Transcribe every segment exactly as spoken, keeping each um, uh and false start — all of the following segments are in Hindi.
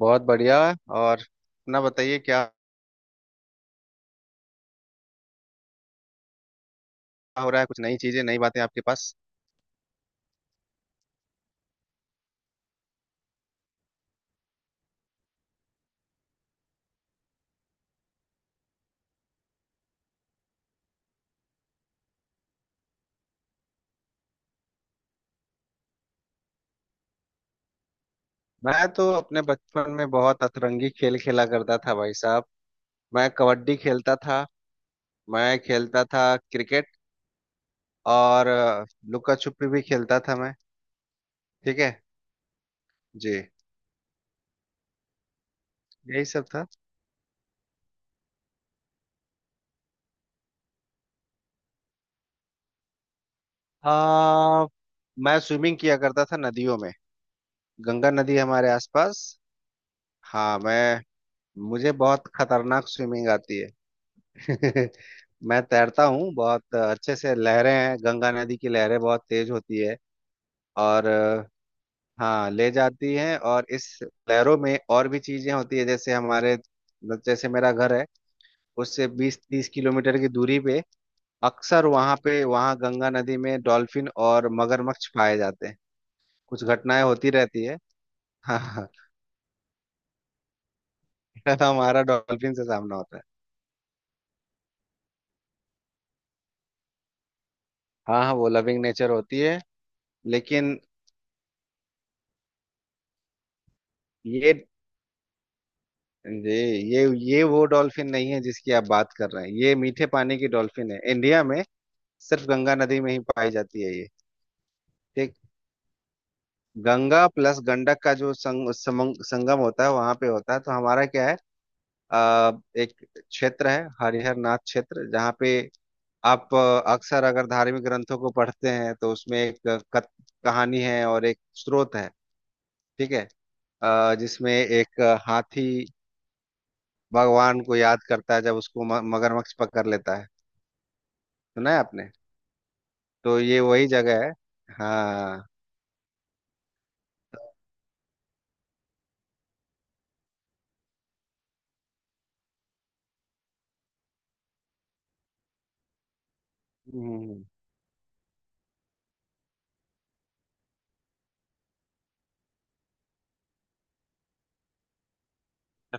बहुत बढ़िया। और अपना बताइए क्या हो रहा है, कुछ नई चीजें नई बातें आपके पास? मैं तो अपने बचपन में बहुत अतरंगी खेल खेला करता था भाई साहब। मैं कबड्डी खेलता था। मैं खेलता था क्रिकेट। और अ, लुका छुपी भी खेलता था मैं। ठीक है। जी। यही सब था। आ, मैं स्विमिंग किया करता था नदियों में। गंगा नदी है हमारे आसपास। हाँ मैं, मुझे बहुत खतरनाक स्विमिंग आती है। मैं तैरता हूँ बहुत अच्छे से, लहरें हैं गंगा नदी की, लहरें बहुत तेज होती है। और अ, हाँ ले जाती हैं, और इस लहरों में और भी चीजें होती है, जैसे हमारे, जैसे मेरा घर है, उससे बीस तीस किलोमीटर की दूरी पे अक्सर वहाँ पे, वहाँ गंगा नदी में डॉल्फिन और मगरमच्छ पाए जाते हैं। कुछ घटनाएं होती रहती है। हाँ हाँ। हमारा डॉल्फिन से सामना होता है। हाँ हाँ, वो लविंग नेचर होती है लेकिन ये ये ये ये वो डॉल्फिन नहीं है जिसकी आप बात कर रहे हैं, ये मीठे पानी की डॉल्फिन है, इंडिया में सिर्फ गंगा नदी में ही पाई जाती है ये। ठीक। गंगा प्लस गंडक का जो संग, समंग, संगम होता है वहां पे होता है। तो हमारा क्या है, आ, एक क्षेत्र है हरिहर नाथ क्षेत्र जहाँ पे आप अ, अक्सर, अगर धार्मिक ग्रंथों को पढ़ते हैं तो उसमें एक कथ, कहानी है और एक स्रोत है। ठीक है। अ, जिसमें एक हाथी भगवान को याद करता है जब उसको म- मगरमच्छ पकड़ लेता है। सुना है आपने? तो ये वही जगह है। हाँ। तो हम्म।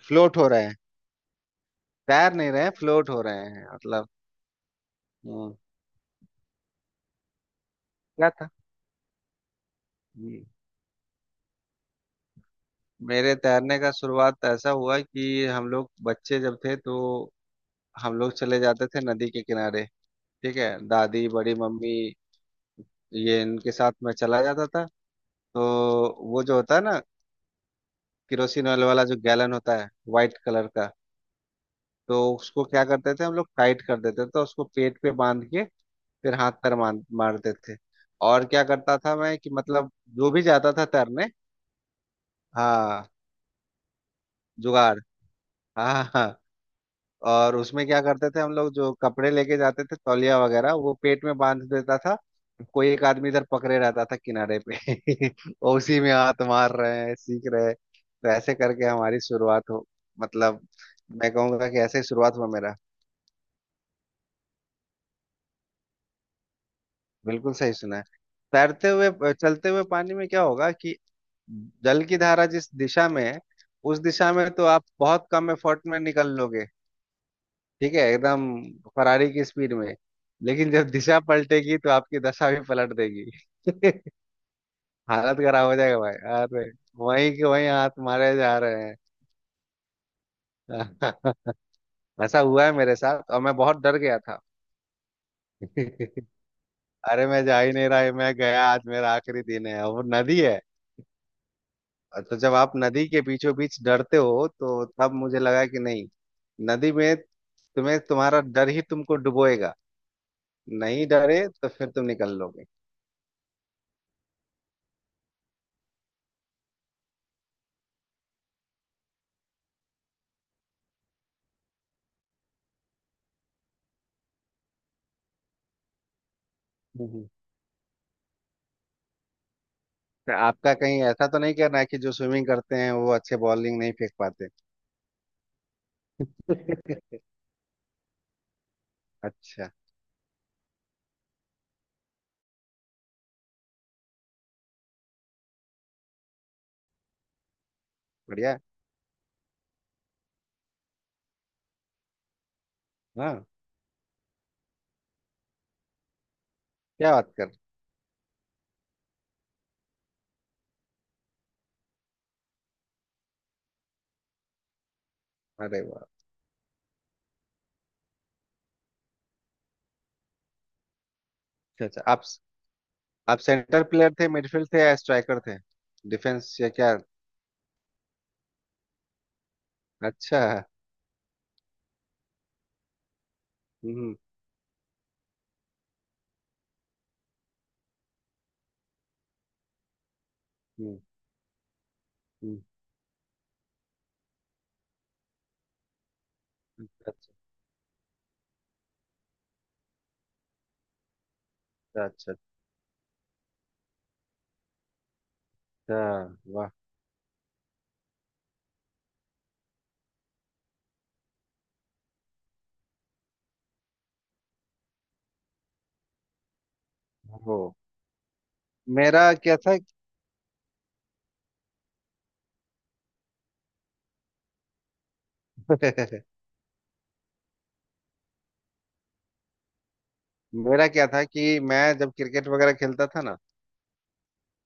फ्लोट हो रहे हैं, तैर नहीं रहे, फ्लोट हो रहे हैं मतलब। हम्म। क्या था? हम्म। मेरे तैरने का शुरुआत तो ऐसा हुआ कि हम लोग बच्चे जब थे तो हम लोग चले जाते थे नदी के किनारे। ठीक है, दादी, बड़ी मम्मी, ये इनके साथ मैं चला जाता था। तो वो जो होता है ना, किरोसिन ऑयल वाला जो गैलन होता है, वाइट कलर का, तो उसको क्या करते थे हम लोग, टाइट कर देते थे तो उसको पेट पे बांध के फिर हाथ पैर मार मारते थे। और क्या करता था मैं कि मतलब जो भी जाता था तैरने। हाँ, जुगाड़। हाँ हाँ हाँ। और उसमें क्या करते थे हम लोग, जो कपड़े लेके जाते थे तौलिया वगैरह, वो पेट में बांध देता था। कोई एक आदमी इधर पकड़े रहता था किनारे पे और उसी में हाथ मार रहे हैं, सीख रहे हैं, तो ऐसे करके हमारी शुरुआत हो, मतलब मैं कहूंगा कि ऐसे ही शुरुआत हुआ मेरा। बिल्कुल सही सुना है। तैरते हुए, चलते हुए पानी में क्या होगा कि जल की धारा जिस दिशा में है, उस दिशा में तो आप बहुत कम एफर्ट में निकल लोगे। ठीक है एकदम, फरारी की स्पीड में। लेकिन जब दिशा पलटेगी तो आपकी दशा भी पलट देगी। हालत खराब हो जाएगा भाई, अरे वहीं के वहीं हाथ मारे जा रहे हैं। ऐसा हुआ है मेरे साथ और मैं बहुत डर गया था। अरे मैं जा ही नहीं रहा, मैं गया, आज मेरा आखिरी दिन है, और वो नदी है। तो जब आप नदी के बीचों बीच डरते हो तो तब मुझे लगा कि नहीं, नदी में तुम्हें तुम्हारा डर ही तुमको डुबोएगा, नहीं डरे तो फिर तुम निकल लोगे। हम्म। फिर आपका कहीं ऐसा तो नहीं कहना है कि जो स्विमिंग करते हैं वो अच्छे बॉलिंग नहीं फेंक पाते? हम्म। अच्छा, बढ़िया। हाँ, क्या बात कर। अरे वाह। अच्छा अच्छा, आप आप सेंटर प्लेयर थे, मिडफील्ड थे या स्ट्राइकर थे? डिफेंस या क्या? अच्छा। हम्म। हम्म। हम्म। हम्म। अच्छा अच्छा अच्छा अच्छा, वाह। हो। मेरा क्या था? मेरा क्या था कि मैं जब क्रिकेट वगैरह खेलता था ना,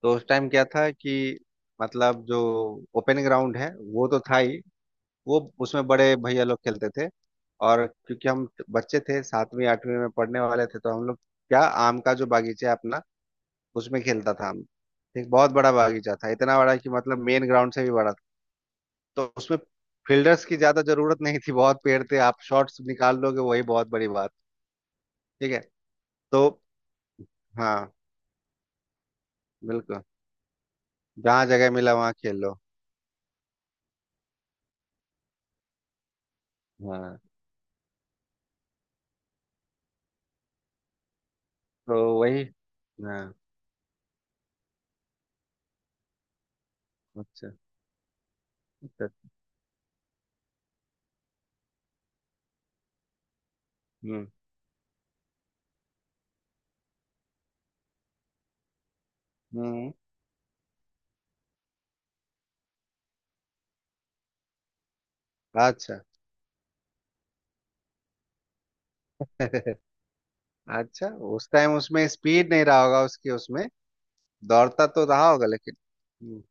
तो उस टाइम क्या था कि मतलब जो ओपन ग्राउंड है, वो तो था ही, वो उसमें बड़े भैया लोग खेलते थे। और क्योंकि हम बच्चे थे, सातवीं आठवीं में पढ़ने वाले थे, तो हम लोग क्या, आम का जो बागीचा है अपना, उसमें खेलता था हम। एक बहुत बड़ा बागीचा था, इतना बड़ा कि मतलब मेन ग्राउंड से भी बड़ा था। तो उसमें फील्डर्स की ज्यादा जरूरत नहीं थी, बहुत पेड़ थे, आप शॉट्स निकाल लोगे वही बहुत बड़ी बात। ठीक है। तो हाँ बिल्कुल, जहाँ जगह मिला वहाँ खेल लो। हाँ। तो वही। हाँ। अच्छा अच्छा। हम्म। हम्म। अच्छा। अच्छा, उस टाइम उसमें स्पीड नहीं रहा होगा उसकी उसमें, दौड़ता तो रहा होगा लेकिन। हम्म।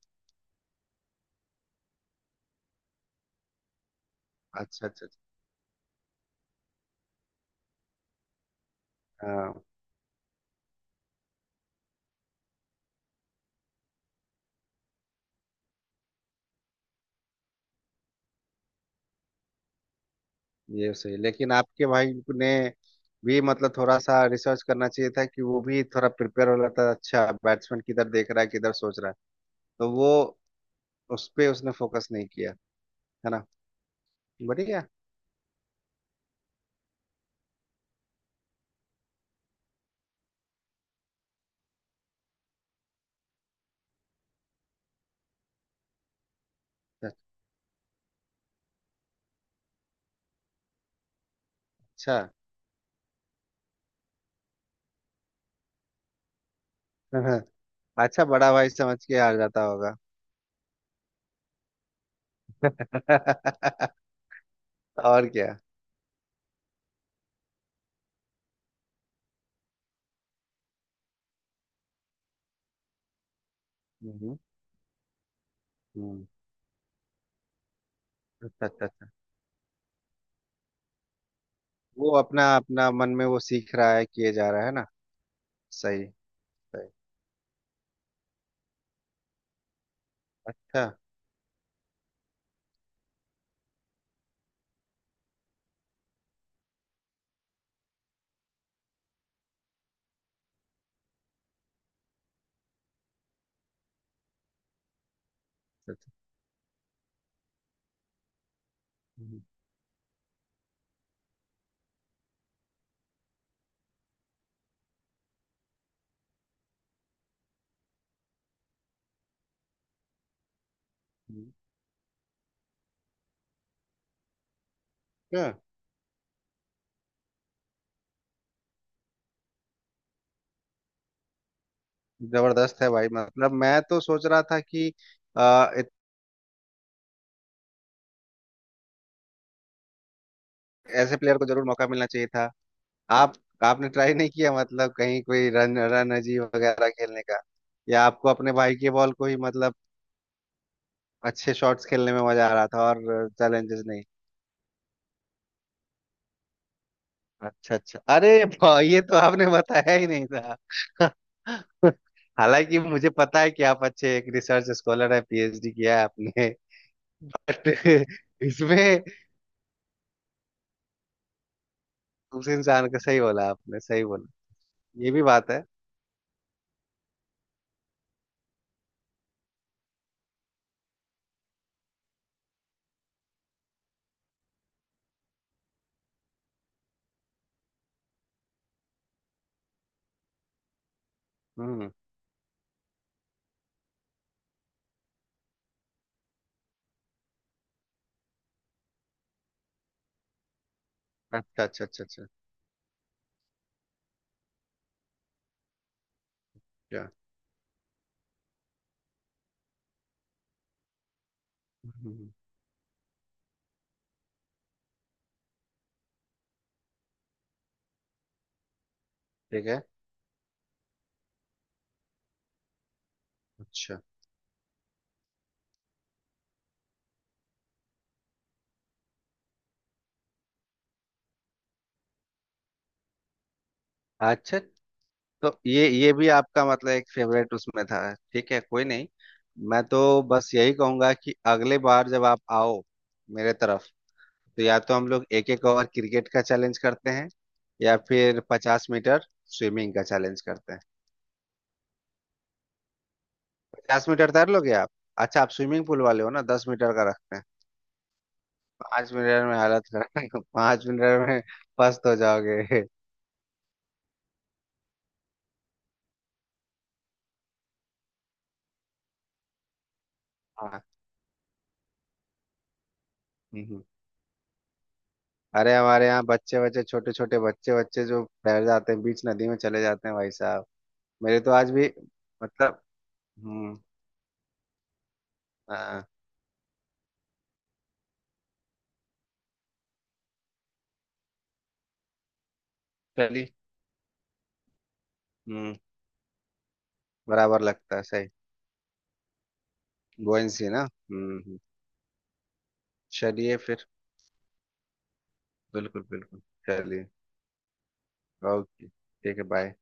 अच्छा अच्छा अच्छा, हाँ, ये सही। लेकिन आपके भाई ने भी मतलब थोड़ा सा रिसर्च करना चाहिए था कि वो भी थोड़ा प्रिपेयर हो रहा था, अच्छा बैट्समैन किधर देख रहा है, किधर सोच रहा है। तो वो, उस पे उसने फोकस नहीं किया, है ना? बढ़िया। अच्छा। अच्छा, बड़ा भाई समझ के हार जाता होगा। और क्या? हम्म। हम्म। अच्छा अच्छा अच्छा, वो अपना अपना मन में वो सीख रहा है, किए जा रहा है ना। सही सही। अच्छा अच्छा अच्छा। हम्म। हम्म। क्या? जबरदस्त है भाई, मतलब मैं तो सोच रहा था कि आ, इत- ऐसे प्लेयर को जरूर मौका मिलना चाहिए था। आप, आपने ट्राई नहीं किया मतलब कहीं कोई रन रन अजीब वगैरह खेलने का, या आपको अपने भाई के बॉल को ही मतलब अच्छे शॉट्स खेलने में मजा आ रहा था और चैलेंजेस नहीं? अच्छा अच्छा, अरे वाह, ये तो आपने बताया ही नहीं था। हालांकि मुझे पता है कि आप अच्छे एक रिसर्च स्कॉलर हैं, पीएचडी किया है आपने, बट इसमें, उस इंसान का सही बोला आपने, सही बोला। ये भी बात है। हम्म। अच्छा अच्छा अच्छा अच्छा। क्या? हम्म। ठीक है। अच्छा अच्छा, तो ये ये भी आपका मतलब एक फेवरेट उसमें था। ठीक है, कोई नहीं। मैं तो बस यही कहूंगा कि अगले बार जब आप आओ मेरे तरफ, तो या तो हम लोग एक एक ओवर क्रिकेट का चैलेंज करते हैं, या फिर पचास मीटर स्विमिंग का चैलेंज करते हैं। पचास मीटर तैर लोगे आप? अच्छा, आप स्विमिंग पूल वाले हो ना, दस मीटर का रखते हैं? पाँच मिनट में हालत खराब। पाँच मिनट में फर्स्ट हो जाओगे। हाँ। हम्म। हम्म। अरे हमारे यहाँ बच्चे बच्चे, छोटे छोटे बच्चे बच्चे जो तैर जाते हैं, बीच नदी में चले जाते हैं भाई साहब। मेरे तो आज भी मतलब, हम्म, हाँ, चलिए। हम्म। बराबर लगता है, सही। गोइंसी ना। हम्म हम्म। चलिए फिर, बिल्कुल बिल्कुल। चलिए, ओके ठीक है, बाय।